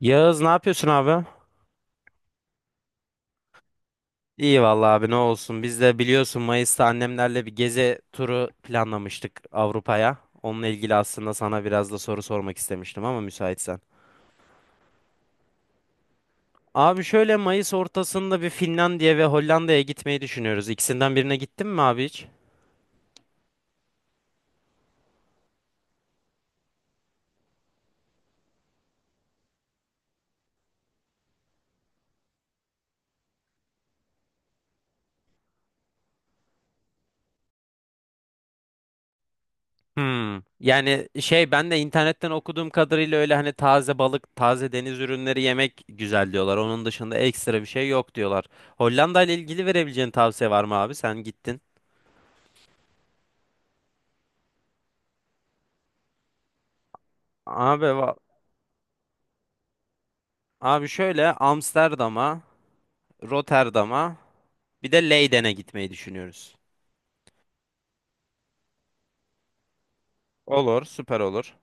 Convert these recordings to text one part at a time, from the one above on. Yağız ne yapıyorsun abi? İyi vallahi abi ne olsun. Biz de biliyorsun Mayıs'ta annemlerle bir gezi turu planlamıştık Avrupa'ya. Onunla ilgili aslında sana biraz da soru sormak istemiştim ama müsaitsen. Abi şöyle Mayıs ortasında bir Finlandiya ve Hollanda'ya gitmeyi düşünüyoruz. İkisinden birine gittin mi abi hiç? Hmm. Yani şey ben de internetten okuduğum kadarıyla öyle hani taze balık, taze deniz ürünleri yemek güzel diyorlar. Onun dışında ekstra bir şey yok diyorlar. Hollanda ile ilgili verebileceğin tavsiye var mı abi? Sen gittin. Abi va- Abi şöyle Amsterdam'a, Rotterdam'a bir de Leyden'e gitmeyi düşünüyoruz. Olur, süper olur.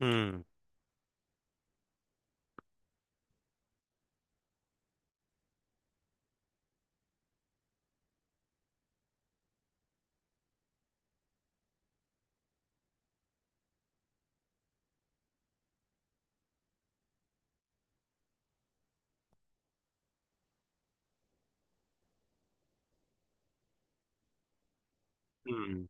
Hmm. Hmm.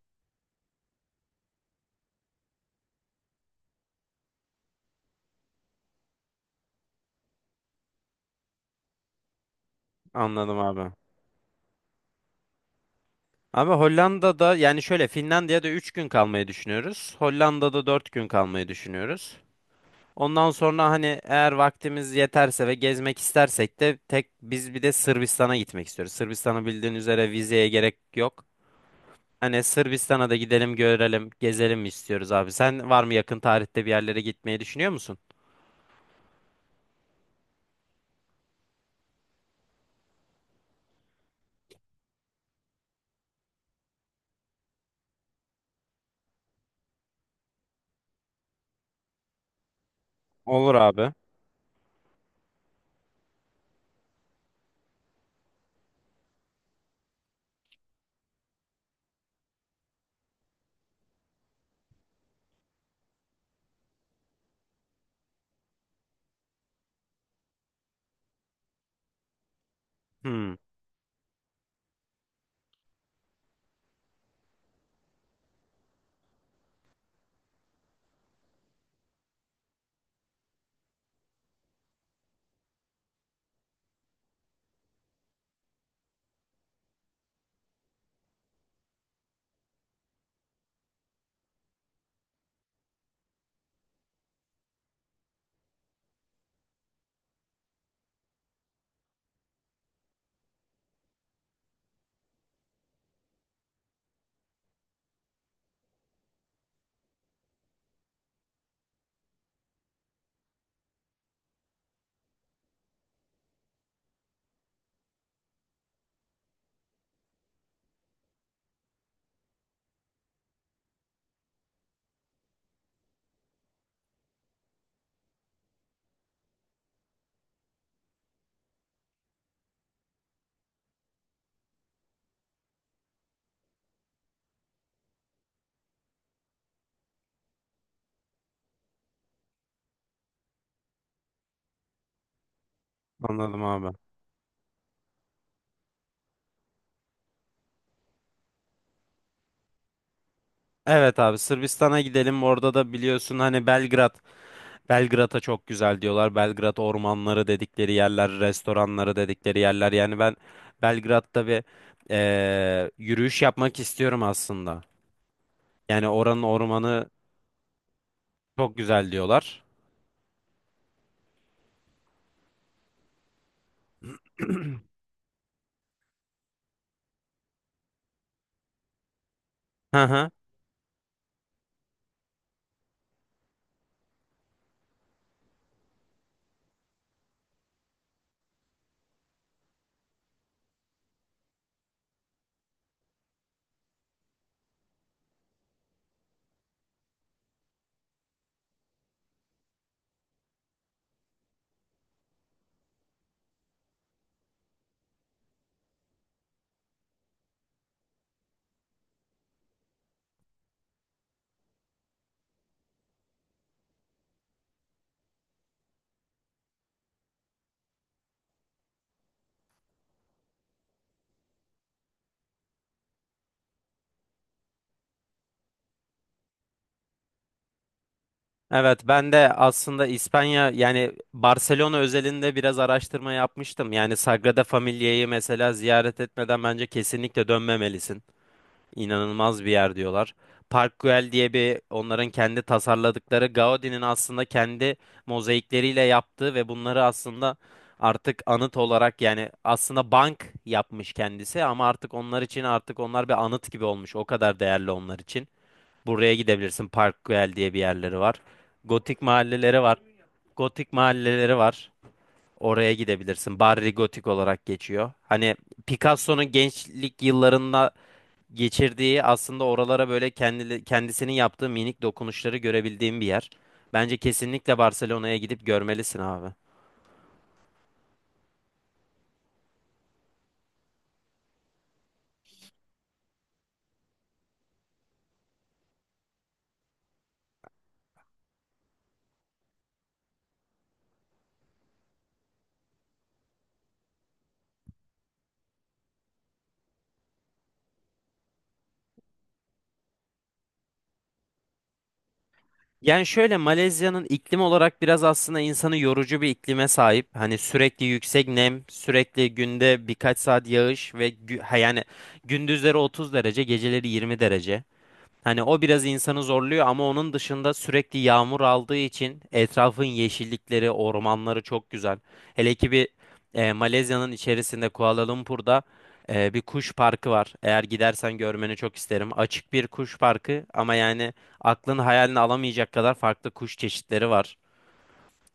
Anladım abi. Abi Hollanda'da yani şöyle Finlandiya'da 3 gün kalmayı düşünüyoruz. Hollanda'da 4 gün kalmayı düşünüyoruz. Ondan sonra hani eğer vaktimiz yeterse ve gezmek istersek de tek biz bir de Sırbistan'a gitmek istiyoruz. Sırbistan'ı bildiğin üzere vizeye gerek yok. Hani Sırbistan'a da gidelim görelim, gezelim mi istiyoruz abi? Sen var mı yakın tarihte bir yerlere gitmeyi düşünüyor musun? Olur abi. Hmm, anladım abi. Evet abi Sırbistan'a gidelim. Orada da biliyorsun hani Belgrad. Belgrad'a çok güzel diyorlar. Belgrad ormanları dedikleri yerler, restoranları dedikleri yerler. Yani ben Belgrad'da bir yürüyüş yapmak istiyorum aslında. Yani oranın ormanı çok güzel diyorlar. Hı hı. Evet ben de aslında İspanya yani Barcelona özelinde biraz araştırma yapmıştım. Yani Sagrada Familia'yı mesela ziyaret etmeden bence kesinlikle dönmemelisin. İnanılmaz bir yer diyorlar. Park Güell diye bir onların kendi tasarladıkları Gaudi'nin aslında kendi mozaikleriyle yaptığı ve bunları aslında artık anıt olarak yani aslında bank yapmış kendisi ama artık onlar için artık onlar bir anıt gibi olmuş. O kadar değerli onlar için. Buraya gidebilirsin. Parkwell diye bir yerleri var. Gotik mahalleleri var. Gotik mahalleleri var. Oraya gidebilirsin. Barri Gotik olarak geçiyor. Hani Picasso'nun gençlik yıllarında geçirdiği aslında oralara böyle kendi, kendisinin yaptığı minik dokunuşları görebildiğim bir yer. Bence kesinlikle Barcelona'ya gidip görmelisin abi. Yani şöyle Malezya'nın iklim olarak biraz aslında insanı yorucu bir iklime sahip. Hani sürekli yüksek nem, sürekli günde birkaç saat yağış ve yani gündüzleri 30 derece, geceleri 20 derece. Hani o biraz insanı zorluyor ama onun dışında sürekli yağmur aldığı için etrafın yeşillikleri, ormanları çok güzel. Hele ki bir Malezya'nın içerisinde Kuala Lumpur'da bir kuş parkı var. Eğer gidersen görmeni çok isterim. Açık bir kuş parkı ama yani aklın hayalini alamayacak kadar farklı kuş çeşitleri var.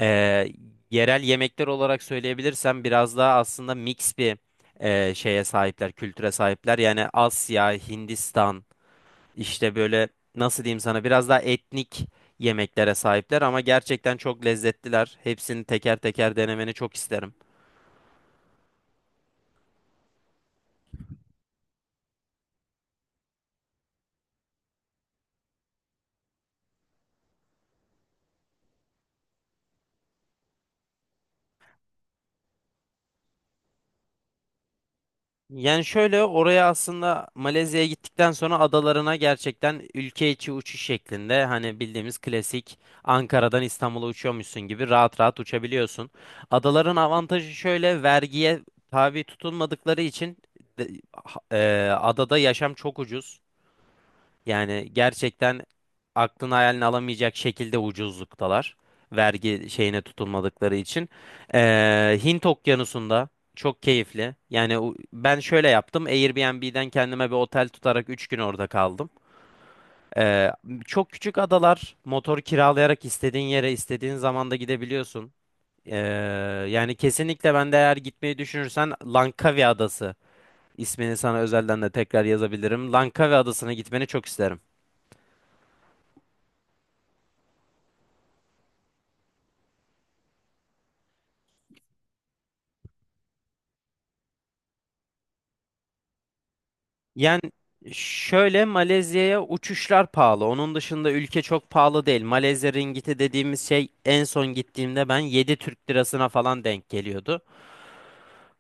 E, Yerel yemekler olarak söyleyebilirsem biraz daha aslında mix bir şeye sahipler, kültüre sahipler. Yani Asya, Hindistan. İşte böyle nasıl diyeyim sana biraz daha etnik yemeklere sahipler ama gerçekten çok lezzetliler. Hepsini teker teker denemeni çok isterim. Yani şöyle oraya aslında Malezya'ya gittikten sonra adalarına gerçekten ülke içi uçuş şeklinde hani bildiğimiz klasik Ankara'dan İstanbul'a uçuyormuşsun gibi rahat rahat uçabiliyorsun. Adaların avantajı şöyle vergiye tabi tutulmadıkları için adada yaşam çok ucuz. Yani gerçekten aklın hayalini alamayacak şekilde ucuzluktalar. Vergi şeyine tutulmadıkları için. Hint Okyanusu'nda çok keyifli. Yani o- ben şöyle yaptım. Airbnb'den kendime bir otel tutarak 3 gün orada kaldım. Ee, çok küçük adalar. Motor kiralayarak istediğin yere istediğin zamanda gidebiliyorsun. Ee, Yani kesinlikle ben de eğer gitmeyi düşünürsen Langkawi Adası ismini sana özelden de tekrar yazabilirim. Langkawi Adası'na gitmeni çok isterim. Yani şöyle Malezya'ya uçuşlar pahalı. Onun dışında ülke çok pahalı değil. Malezya ringgiti dediğimiz şey en son gittiğimde ben 7 TL'sine falan denk geliyordu.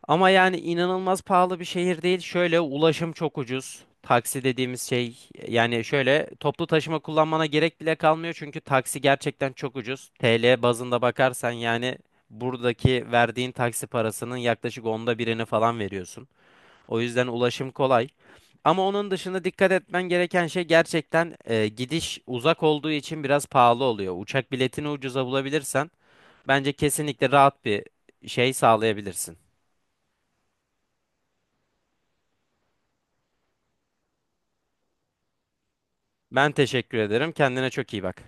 Ama yani inanılmaz pahalı bir şehir değil. Şöyle ulaşım çok ucuz. Taksi dediğimiz şey yani şöyle toplu taşıma kullanmana gerek bile kalmıyor. Çünkü taksi gerçekten çok ucuz. TL bazında bakarsan yani buradaki verdiğin taksi parasının yaklaşık onda birini falan veriyorsun. O yüzden ulaşım kolay. Ama onun dışında dikkat etmen gereken şey gerçekten gidiş uzak olduğu için biraz pahalı oluyor. Uçak biletini ucuza bulabilirsen bence kesinlikle rahat bir şey sağlayabilirsin. Ben teşekkür ederim. Kendine çok iyi bak.